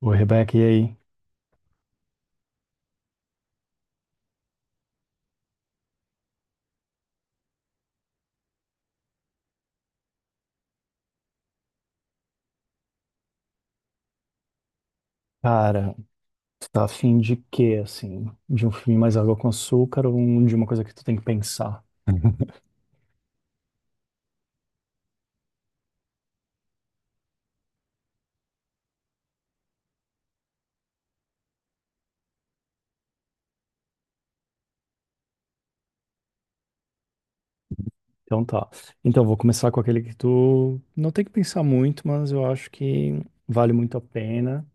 Ô, Rebeca, e aí? Cara, tu tá afim de quê, assim? De um filme mais água com açúcar ou de uma coisa que tu tem que pensar? Então tá. Então, vou começar com aquele que tu não tem que pensar muito, mas eu acho que vale muito a pena.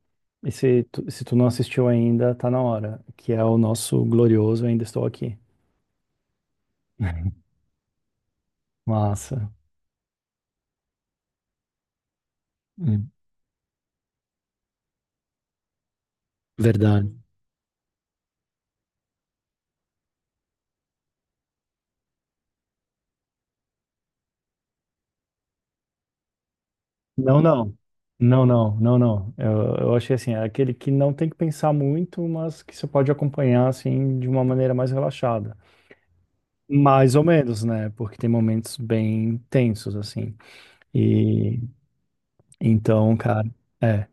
E se tu não assistiu ainda, tá na hora, que é o nosso glorioso Ainda Estou Aqui. Massa. Hum, Verdade. Não, não. Não, não, não, não. Eu achei assim, é aquele que não tem que pensar muito, mas que você pode acompanhar, assim, de uma maneira mais relaxada. Mais ou menos, né? Porque tem momentos bem tensos, assim. E então, cara, é.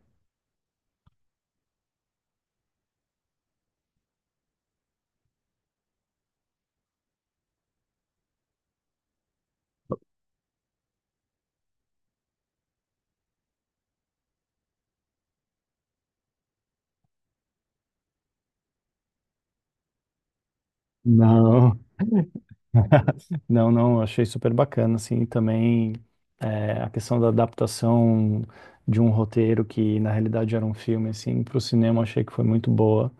Não, não, não, achei super bacana, assim, também a questão da adaptação de um roteiro que na realidade era um filme, assim, para o cinema achei que foi muito boa.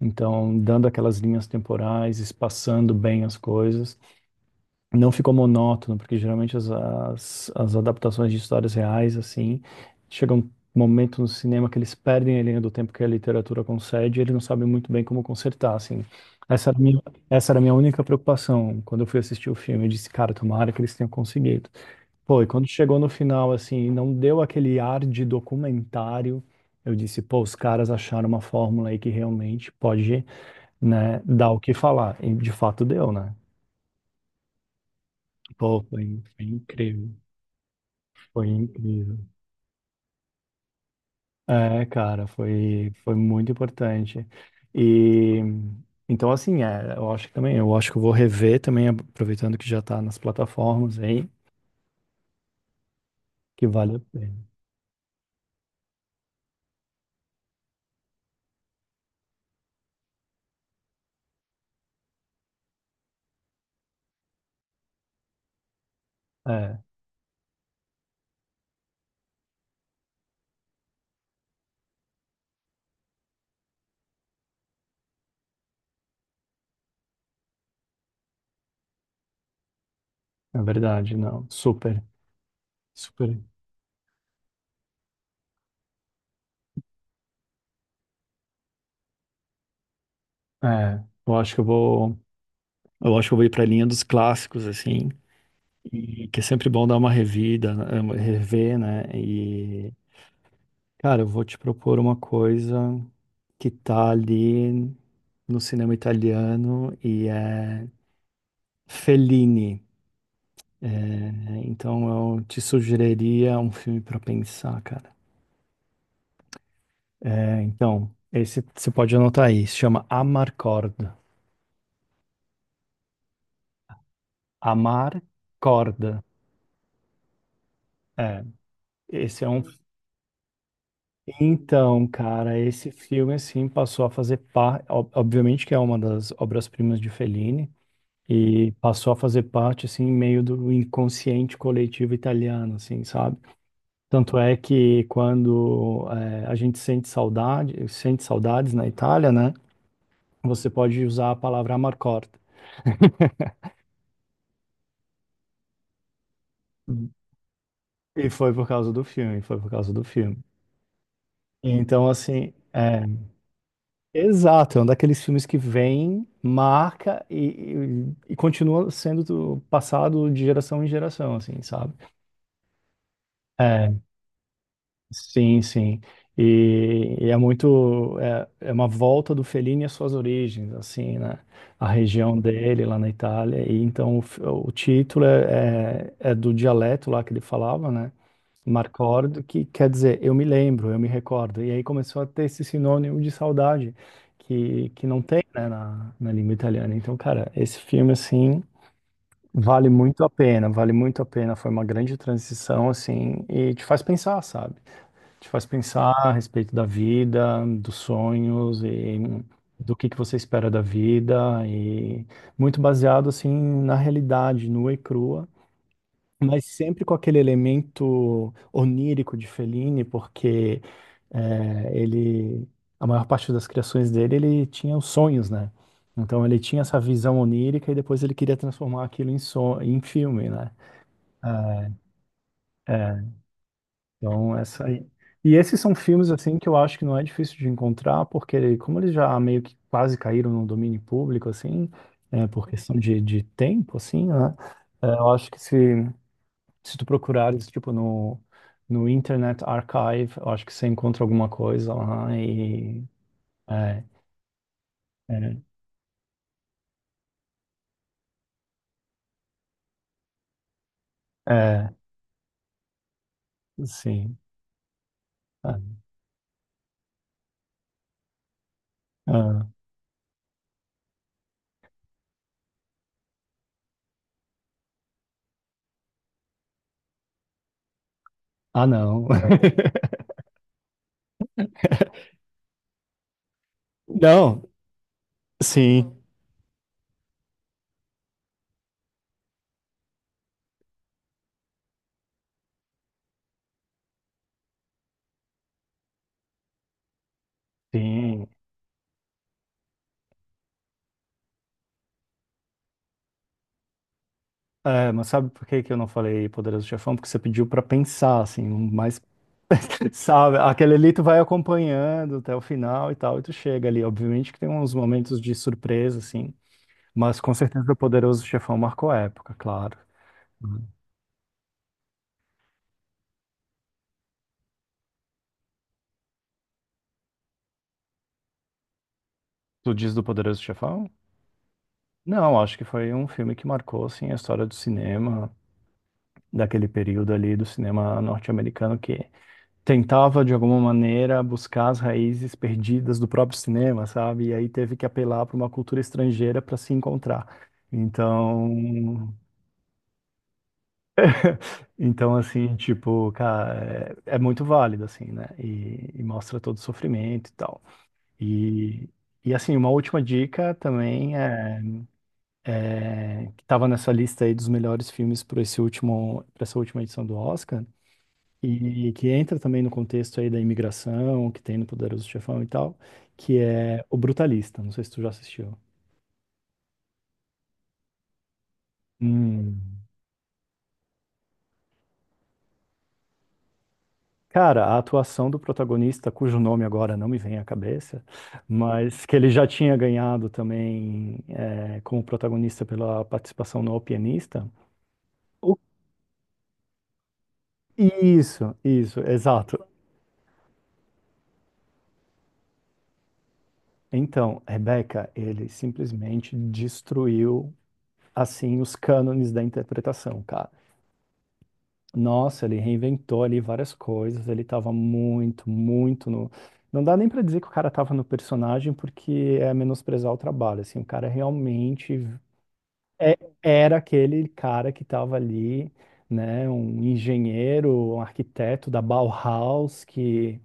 Então, dando aquelas linhas temporais, espaçando bem as coisas. Não ficou monótono, porque geralmente as adaptações de histórias reais, assim, chega um momento no cinema que eles perdem a linha do tempo que a literatura concede e eles não sabem muito bem como consertar, assim. Essa era a minha, essa era a minha única preocupação quando eu fui assistir o filme. Eu disse, cara, tomara que eles tenham conseguido. Pô, e quando chegou no final, assim, não deu aquele ar de documentário, eu disse, pô, os caras acharam uma fórmula aí que realmente pode, né, dar o que falar. E de fato deu, né? Pô, foi incrível, foi incrível. É, cara, foi muito importante. E então, assim, é, eu acho que também, eu acho que eu vou rever também, aproveitando que já tá nas plataformas aí, que vale a pena. É, é verdade, não, super, super. É, eu acho que eu vou, eu acho que eu vou ir pra linha dos clássicos, assim, e que é sempre bom dar uma revida, né, rever, né. Cara, eu vou te propor uma coisa que tá ali no cinema italiano e é Fellini. É, então eu te sugeriria um filme pra pensar, cara. É, então, esse você pode anotar aí, se chama Amarcord. Corda. Amar Corda. É, esse é um. Então, cara, esse filme assim passou a fazer parte. Obviamente que é uma das obras-primas de Fellini. E passou a fazer parte assim meio do inconsciente coletivo italiano, assim, sabe? Tanto é que quando a gente sente saudade, sente saudades na Itália, né? Você pode usar a palavra amarcord. E foi por causa do filme, foi por causa do filme. Então, assim, é, exato, é um daqueles filmes que vem, marca e continua sendo passado de geração em geração, assim, sabe? É, sim, sim. E é muito, é, é uma volta do Fellini às suas origens, assim, né? A região dele lá na Itália. E então o o título é, é, é do dialeto lá que ele falava, né? Marcord, que quer dizer eu me lembro, eu me recordo. E aí começou a ter esse sinônimo de saudade que não tem, né, na língua italiana. Então, cara, esse filme, assim, vale muito a pena, vale muito a pena. Foi uma grande transição, assim, e te faz pensar, sabe? Te faz pensar a respeito da vida, dos sonhos e do que você espera da vida e muito baseado assim na realidade nua e crua, mas sempre com aquele elemento onírico de Fellini, porque ele a maior parte das criações dele ele tinha os sonhos, né? Então ele tinha essa visão onírica e depois ele queria transformar aquilo em, son em filme, né? É, então, essa aí. E esses são filmes assim que eu acho que não é difícil de encontrar, porque como eles já meio que quase caíram no domínio público, assim, é, por questão de tempo, assim, né? É, eu acho que se tu procurares, tipo, no Internet Archive, eu acho que você encontra alguma coisa lá e... É, é, é, sim. Ah, ah, ah, não. Não, sim. Sim. É, mas sabe por que que eu não falei Poderoso Chefão? Porque você pediu pra pensar, assim, um mais, sabe? Aquele ali tu vai acompanhando até o final e tal, e tu chega ali. Obviamente que tem uns momentos de surpresa, assim, mas com certeza o Poderoso Chefão marcou época, claro. Uhum. Tu diz do Poderoso Chefão? Não, acho que foi um filme que marcou, assim, a história do cinema, daquele período ali do cinema norte-americano, que tentava, de alguma maneira, buscar as raízes perdidas do próprio cinema, sabe? E aí teve que apelar para uma cultura estrangeira para se encontrar. Então, então assim, tipo, cara, é, é muito válido, assim, né? E mostra todo o sofrimento e tal. E, e assim, uma última dica também é, né, que estava nessa lista aí dos melhores filmes para esse último, para essa última edição do Oscar. E que entra também no contexto aí da imigração, que tem no Poderoso Chefão e tal, que é O Brutalista. Não sei se tu já assistiu. Hum. Cara, a atuação do protagonista, cujo nome agora não me vem à cabeça, mas que ele já tinha ganhado também é, como protagonista pela participação no O Pianista. O- Isso, isso, exato. Então, Rebeca, ele simplesmente destruiu assim os cânones da interpretação, cara. Nossa, ele reinventou ali várias coisas, ele tava muito, muito no. Não dá nem pra dizer que o cara tava no personagem, porque é menosprezar o trabalho, assim, o cara realmente é- era aquele cara que tava ali, né, um engenheiro, um arquiteto da Bauhaus, que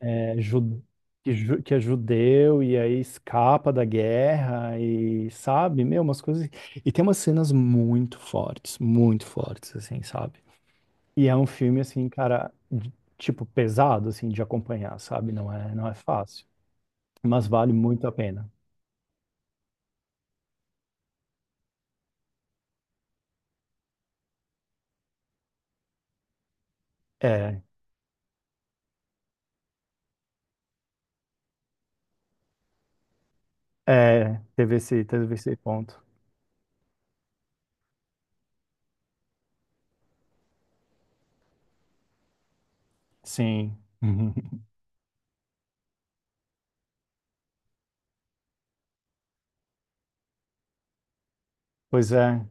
é, que é judeu e aí escapa da guerra e, sabe, meu, umas coisas... E tem umas cenas muito fortes, assim, sabe? E é um filme, assim, cara, tipo, pesado, assim, de acompanhar, sabe? Não é, não é fácil. Mas vale muito a pena. É, é, teve esse ponto. Sim. Pois é.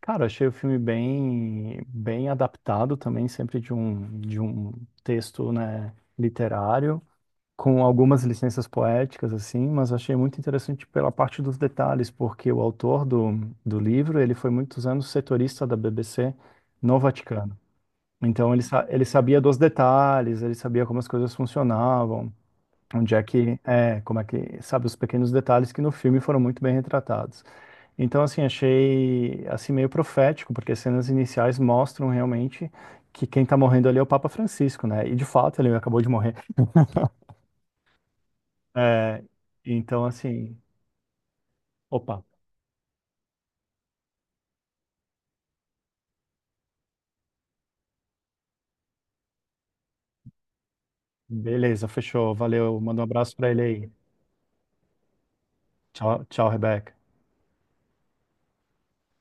Cara, achei o filme bem, bem adaptado também, sempre de um texto, né, literário, com algumas licenças poéticas, assim, mas achei muito interessante pela parte dos detalhes, porque do livro, ele foi muitos anos setorista da BBC no Vaticano. Então ele, ele sabia dos detalhes, ele sabia como as coisas funcionavam, onde é que é, como é que sabe os pequenos detalhes que no filme foram muito bem retratados. Então assim achei assim meio profético, porque as cenas iniciais mostram realmente que quem está morrendo ali é o Papa Francisco, né? E de fato ele acabou de morrer. É, então assim, opa, beleza, fechou, valeu, manda um abraço para ele aí. Tchau, tchau, Rebeca.